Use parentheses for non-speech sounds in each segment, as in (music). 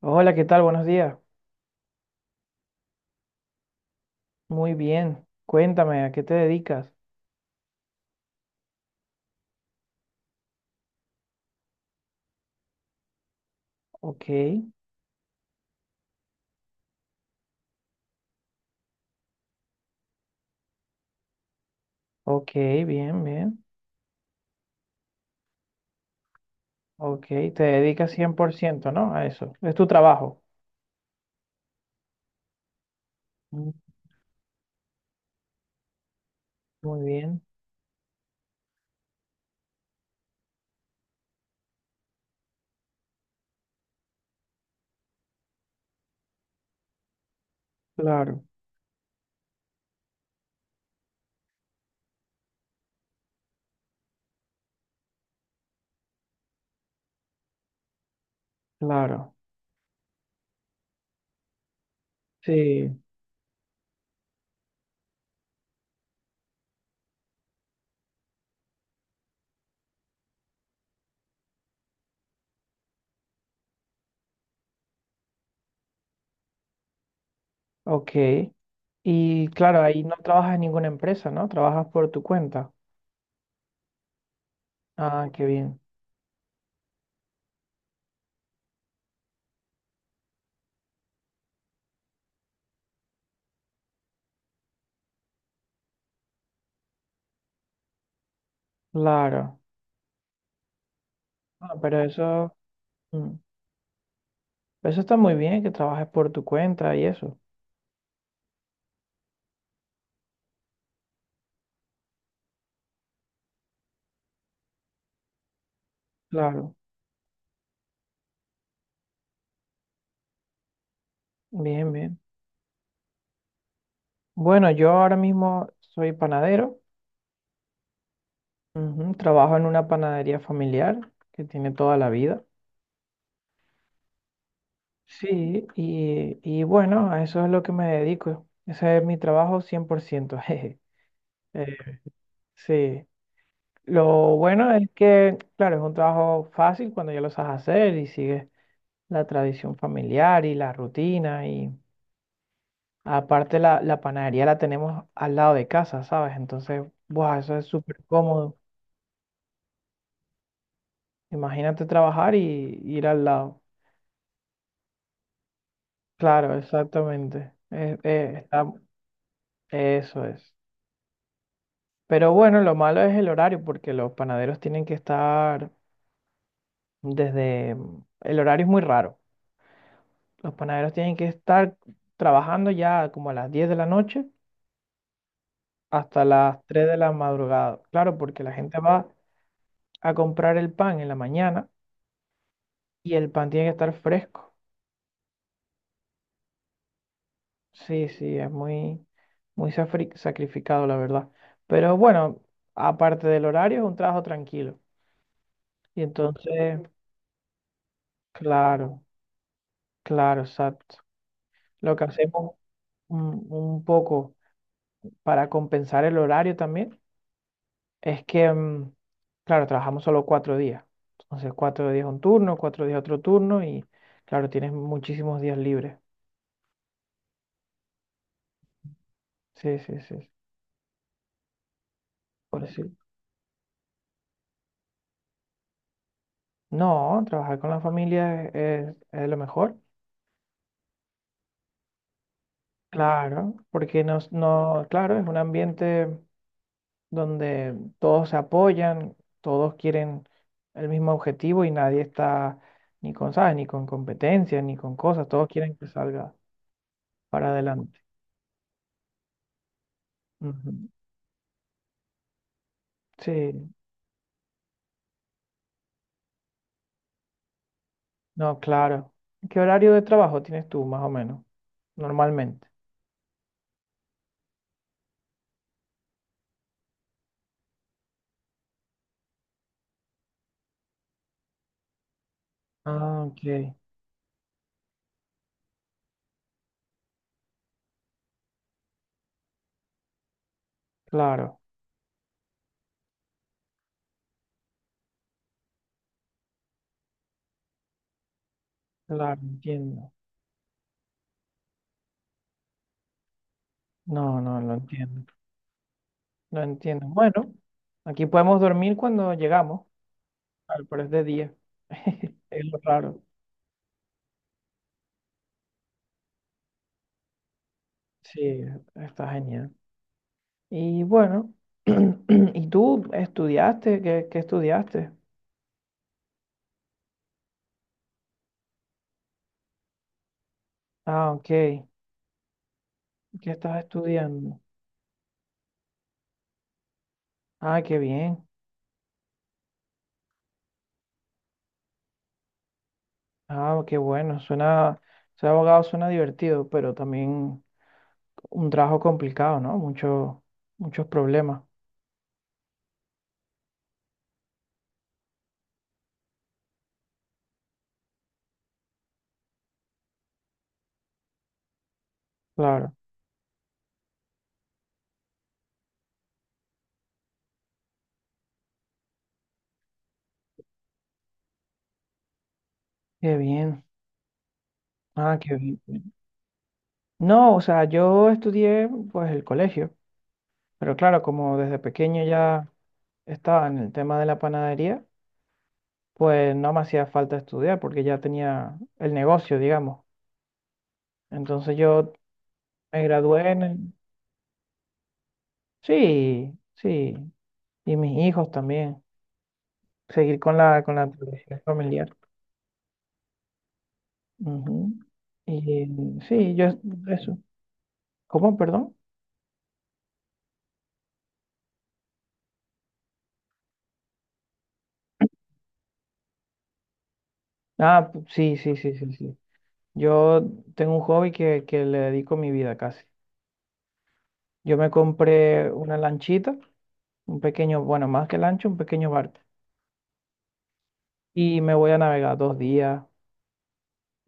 Hola, ¿qué tal? Buenos días. Muy bien. Cuéntame, ¿a qué te dedicas? Ok, ok, bien, bien. Ok, te dedicas cien por ciento, ¿no? A eso. Es tu trabajo. Mm, muy bien. Claro, claro. Sí, ok. Y claro, ahí no trabajas en ninguna empresa, ¿no? Trabajas por tu cuenta. Ah, qué bien. Claro. Ah, pero eso, mm, eso está muy bien, que trabajes por tu cuenta y eso. Claro. Bien, bien. Bueno, yo ahora mismo soy panadero. Ujú, trabajo en una panadería familiar que tiene toda la vida. Sí, y bueno, a eso es lo que me dedico. Ese es mi trabajo 100%. (laughs) Jeje. Eh, sí. Lo bueno es que, claro, es un trabajo fácil cuando ya lo sabes hacer y sigues la tradición familiar y la rutina. Y aparte la panadería la tenemos al lado de casa, ¿sabes? Entonces, buah, eso es súper cómodo. Imagínate trabajar y ir al lado. Claro, exactamente. Eso es. Pero bueno, lo malo es el horario, porque los panaderos tienen que estar el horario es muy raro. Los panaderos tienen que estar trabajando ya como a las 10 de la noche hasta las 3 de la madrugada. Claro, porque la gente va a comprar el pan en la mañana y el pan tiene que estar fresco. Sí, sí, es muy, sacrificado, la verdad. Pero bueno, aparte del horario, es un trabajo tranquilo. Y entonces... Claro, claro, exacto. Lo que hacemos un poco para compensar el horario también es que, claro, trabajamos solo cuatro días. Entonces, cuatro días un turno, cuatro días otro turno y, claro, tienes muchísimos días libres. Sí, sí, sí, sí, por eso. No, trabajar con la familia es lo mejor. Claro, porque nos, no, claro, es un ambiente donde todos se apoyan, todos quieren el mismo objetivo y nadie está ni con, ¿sabes? Ni con competencia, ni con cosas, todos quieren que salga para adelante. Ujú. Sí, no, claro. ¿Qué horario de trabajo tienes tú, más o menos, normalmente? Ah, ok, claro, claro, entiendo. No, no, lo entiendo, lo entiendo. Bueno, aquí podemos dormir cuando llegamos, claro, pero es de día. (laughs) Es lo raro. Sí, está genial. Y bueno, (clears throat) ¿y tú estudiaste? ¿Qué, qué estudiaste? Ah, ok. ¿Qué estás estudiando? Ah, qué bien. Ah, qué bueno. Suena, ser abogado suena divertido, pero también un trabajo complicado, ¿no? Mucho, muchos problemas. Claro. Qué bien. Ah, qué bien. No, o sea, yo estudié pues el colegio, pero claro, como desde pequeño ya estaba en el tema de la panadería, pues no me hacía falta estudiar porque ya tenía el negocio, digamos. Entonces yo me gradué en el... Sí, sí. Y mis hijos también. Seguir con la tradición familiar. Ujú. Y sí, yo eso. ¿Cómo, perdón? Ah, sí, sí, sí, sí, sí. Yo tengo un hobby que le dedico mi vida casi. Yo me compré una lanchita, un pequeño, bueno, más que lancha, un pequeño barco. Y me voy a navegar dos días,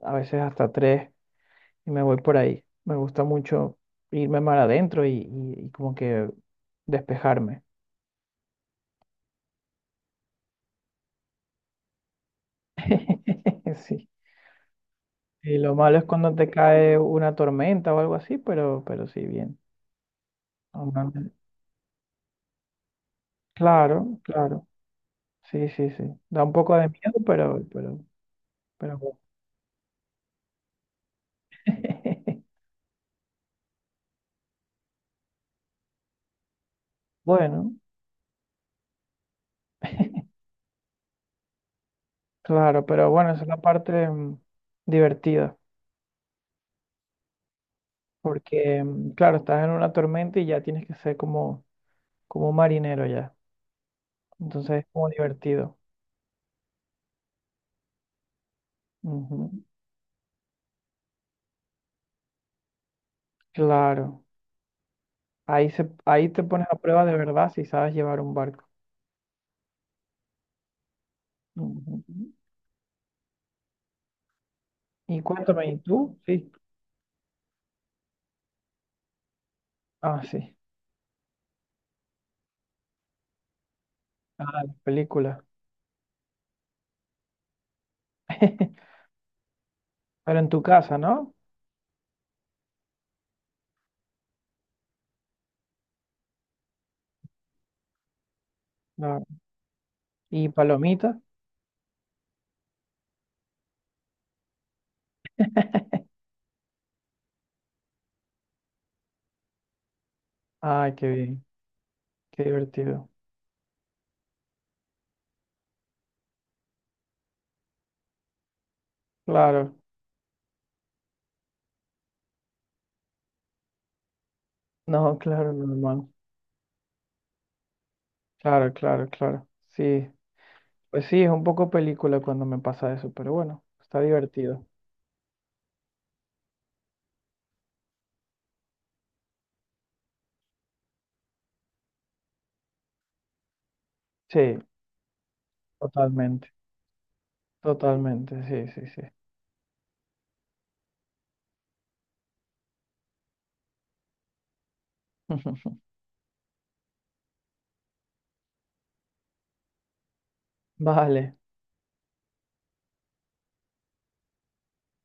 a veces hasta tres. Y me voy por ahí. Me gusta mucho irme mar adentro y como que despejarme. (laughs) Sí. Y lo malo es cuando te cae una tormenta o algo así, pero sí, bien. Normalmente... Claro, claro. Sí, sí, sí. Da un poco de miedo, pero bueno. (laughs) Bueno, claro, pero bueno, esa es la parte divertida, porque claro, estás en una tormenta y ya tienes que ser como, como un marinero ya. Entonces es como divertido. Ujú. Claro, ahí te pones a prueba de verdad si sabes llevar un barco. Ujú. Y cuéntame, ¿y tú? Sí. Ah, sí. Ah, las películas. (laughs) Pero en tu casa, ¿no? Claro. ¿Y palomitas? Ay, qué bien, qué divertido. Claro, no, claro, normal. Claro, claro, claro. Sí, pues sí, es un poco película cuando me pasa eso, pero bueno, está divertido. Sí, totalmente, totalmente, sí, sí, sí. (laughs) Vale.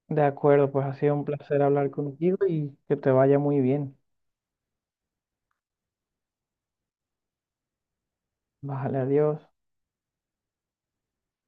De acuerdo, pues ha sido un placer hablar contigo y que te vaya muy bien. Bájale, adiós.